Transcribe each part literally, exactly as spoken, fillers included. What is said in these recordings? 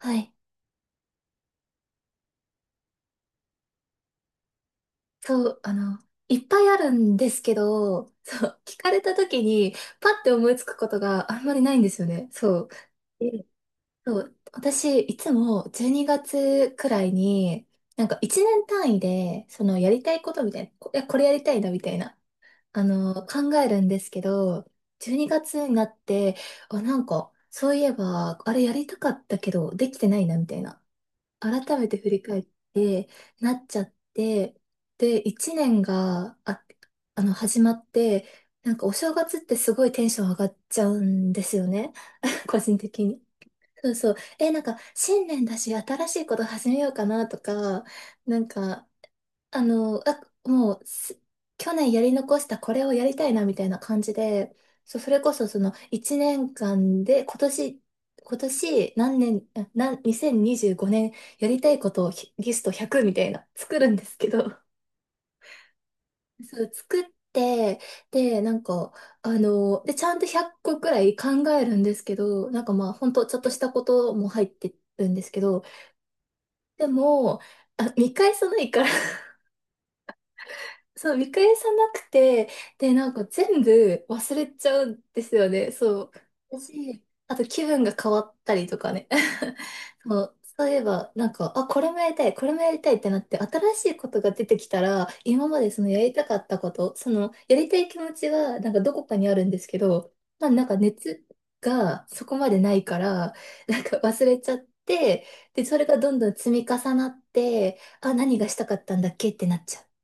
はい。そう、あの、いっぱいあるんですけど、そう、聞かれた時に、パッて思いつくことがあんまりないんですよね。そう。で、そう、私、いつもじゅうにがつくらいに、なんかいちねん単位で、その、やりたいことみたいな、こいや、これやりたいな、みたいな、あの、考えるんですけど、12月にがつになって、あ、なんか、そういえば、あれやりたかったけど、できてないな、みたいな。改めて振り返ってなっちゃって、で、いちねんがあ、あの始まって、なんかお正月ってすごいテンション上がっちゃうんですよね。 個人的に。そうそう。え、なんか新年だし新しいこと始めようかなとか、なんかあの、あ、もうす、去年やり残したこれをやりたいなみたいな感じで、そう、それこそそのいちねんかんで今年、今年何年、あ何、にせんにじゅうごねんやりたいことをひリストひゃくみたいな作るんですけど、そう、作って、で、なんか、あの、で、ちゃんとひゃっこくらい考えるんですけど、なんかまあ、ほんとちょっとしたことも入ってるんですけど、でも、あ、見返さないから、そう、見返さなくて、で、なんか全部忘れちゃうんですよね。そう。私、あと気分が変わったりとかね。そう、そういえば、なんか、あ、これもやりたい、これもやりたいってなって、新しいことが出てきたら、今までそのやりたかったこと、その、やりたい気持ちは、なんかどこかにあるんですけど、まあなんか熱がそこまでないから、なんか忘れちゃって、で、それがどんどん積み重なって、あ、何がしたかったんだっけってなっちゃう。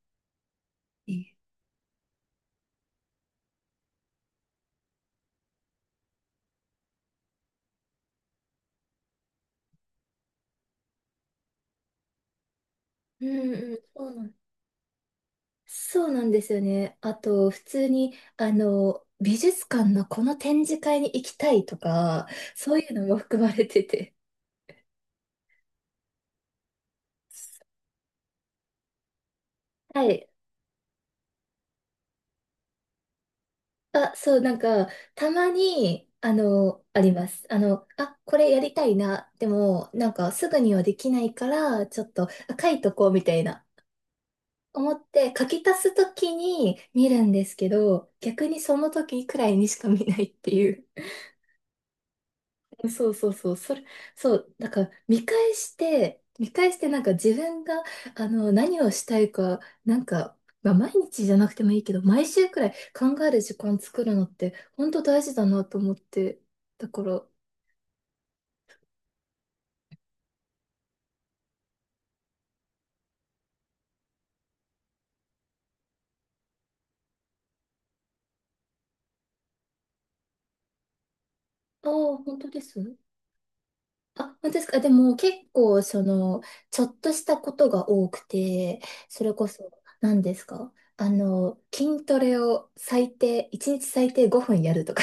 うんうん、そうなん、そうなんですよね。あと、普通に、あの、美術館のこの展示会に行きたいとか、そういうのも含まれてて。はい。あ、そう、なんか、たまに、あの、あります。あの、あ、これやりたいな。でも、なんか、すぐにはできないから、ちょっと、あ、書いとこうみたいな。思って、書き足すときに見るんですけど、逆にその時くらいにしか見ないっていう。そうそうそう、それ、そう、なんか見返して、見返してなんか自分が、あの、何をしたいか、なんか、まあ、毎日じゃなくてもいいけど、毎週くらい考える時間作るのって、本当大事だなと思って。だから、あ、あ、本当です、あ、本当ですか。でも結構、その、ちょっとしたことが多くて、それこそ、何ですか、あの、筋トレを最低、いちにち最低ごふんやるとか、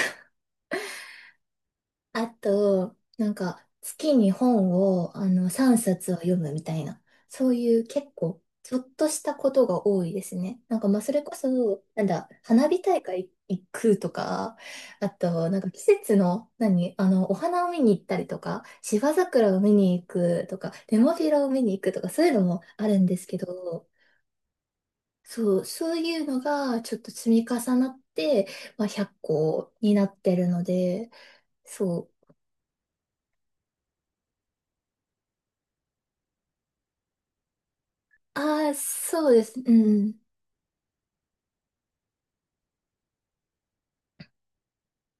あと、なんか、月に本を、あの、さんさつを読むみたいな、そういう結構、ちょっとしたことが多いですね。なんか、まあ、それこそ、なんだ、花火大会行くとか、あと、なんか、季節の、何、あの、お花を見に行ったりとか、芝桜を見に行くとか、ネモフィラを見に行くとか、そういうのもあるんですけど、そう、そういうのが、ちょっと積み重なって、まあ、ひゃっこになってるので、そう。ああ、そうです。うん。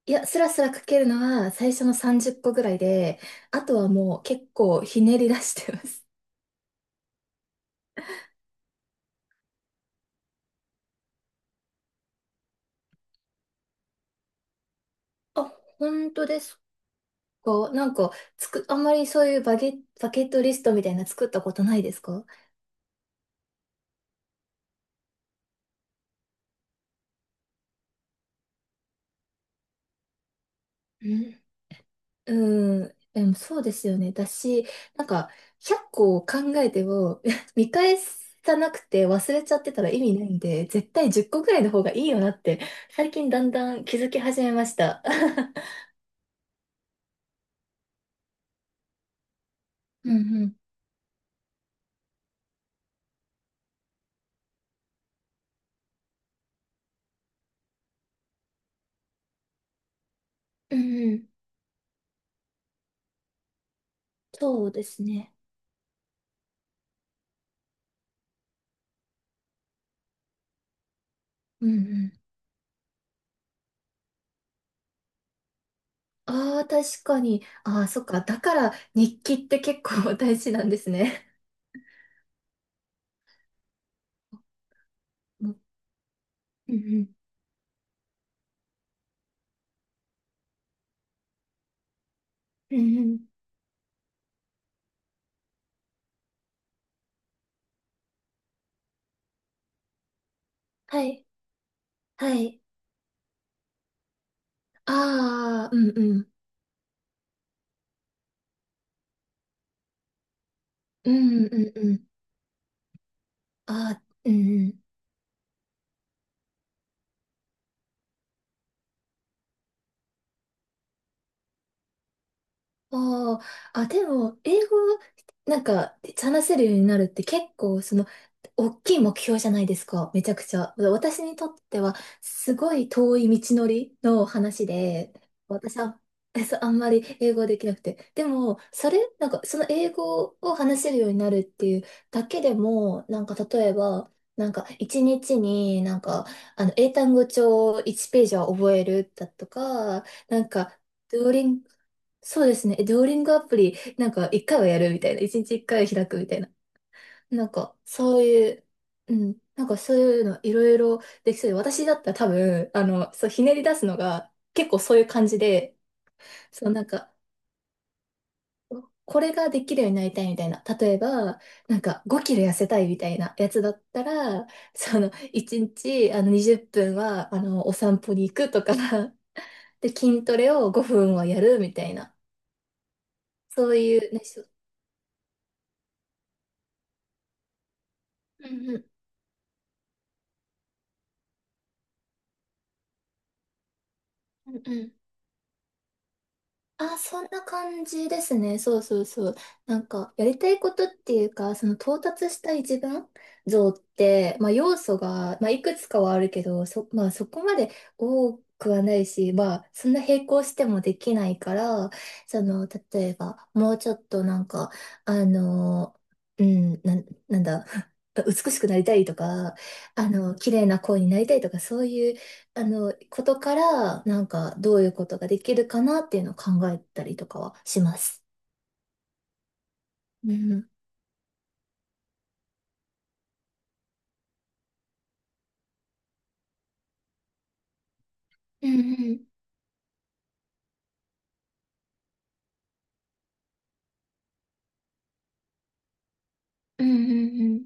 いや、スラスラ書けるのは最初のさんじゅっこぐらいで、あとはもう結構ひねり出してます。あ、本当ですか、なんか、つく、あんまりそういうバゲ、バケットリストみたいな作ったことないですか。うん。うん。でもそうですよね。だし、なんか、ひゃっこを考えても、見返さなくて忘れちゃってたら意味ないんで、絶対じゅっこぐらいの方がいいよなって、最近だんだん気づき始めました。ううんうんうんうん、そうですね。うんうん。ああ、確かに。ああ、そっか。だから日記って結構 大事なんですね。うんうんうん。うんうん。はい。はい。ああ、うんうん。うんうんうんうん。ああ、うんうん。ああ、あ、でも、英語、なんか、話せるようになるって結構、その、大きい目標じゃないですか、めちゃくちゃ。私にとっては、すごい遠い道のりの話で、私は、えそう、あんまり英語できなくて。でも、それ、なんか、その英語を話せるようになるっていうだけでも、なんか、例えば、なんか、一日になんか、あの、英単語帳いちページページは覚えるだとか、なんか、ドーリンそうですね。えデュオリングアプリ、なんか一回はやるみたいな。いちにちいっかいは開くみたいな。なんか、そういう、うん。なんかそういうのいろいろできそうで、私だったら多分、あの、そう、ひねり出すのが結構そういう感じで、そう、なんか、これができるようになりたいみたいな。例えば、なんかごキロ痩せたいみたいなやつだったら、その、いちにち、あの、にじゅっぷんは、あの、お散歩に行くとか、で、筋トレをごふんはやるみたいな。そういう、ね、しょううんうんうん、あ、そんな感じですね。そうそうそう。なんか、やりたいことっていうか、その到達したい自分像って、まあ要素が、まあいくつかはあるけど、そ、まあそこまで多くはないし、まあそんな並行してもできないから、その、例えば、もうちょっとなんか、あの、うん、なん、なんだ、美しくなりたいとか、あの、綺麗な声になりたいとか、そういうあの、ことから、なんか、どういうことができるかなっていうのを考えたりとかはします。うん。うんうんうんうんうん、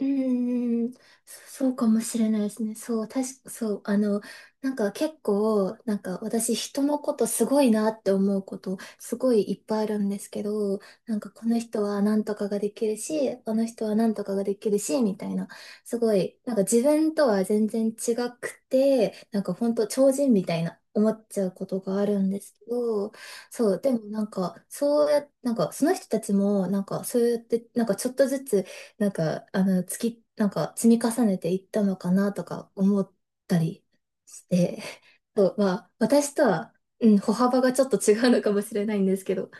うーん、そうかもしれないですね。そう、確か、そう、あの、なんか結構、なんか私、人のことすごいなって思うこと、すごいいっぱいあるんですけど、なんかこの人はなんとかができるし、この人はなんとかができるし、みたいな、すごい、なんか自分とは全然違くて、なんか本当超人みたいな思っちゃうことがあるんですけど、そう、でもなんか、そうや、なんかその人たちも、なんかそうやって、なんかちょっとずつ、なんか、あの、月、なんか積み重ねていったのかなとか思ったりして、そう、まあ、私とは、うん、歩幅がちょっと違うのかもしれないんですけど。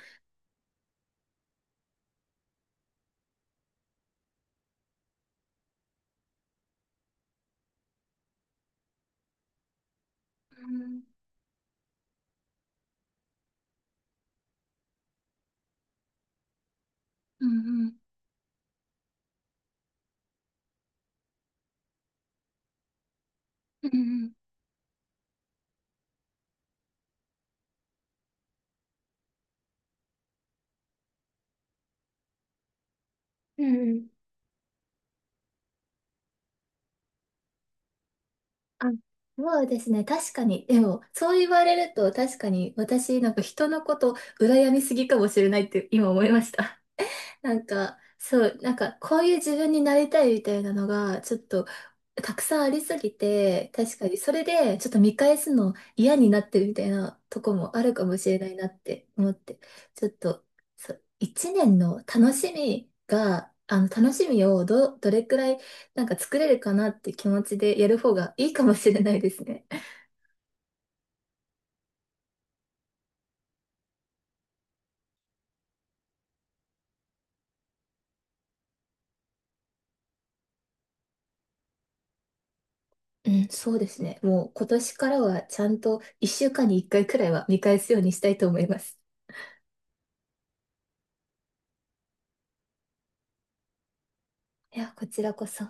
うんうんうんうんうんうん。あ、そうですね。確かに。でも、そう言われると、確かに私、なんか人のこと、羨みすぎかもしれないって今思いました。なんか、そう、なんか、こういう自分になりたいみたいなのが、ちょっと、たくさんありすぎて、確かに、それで、ちょっと見返すの嫌になってるみたいなとこもあるかもしれないなって思って、ちょっと、そう、一年の楽しみが、あの、楽しみをど、どれくらい、なんか作れるかなって気持ちでやる方がいいかもしれないですね。うん、そうですね。もう今年からはちゃんといっしゅうかんにいっかいくらいは見返すようにしたいと思います。いや、こちらこそ。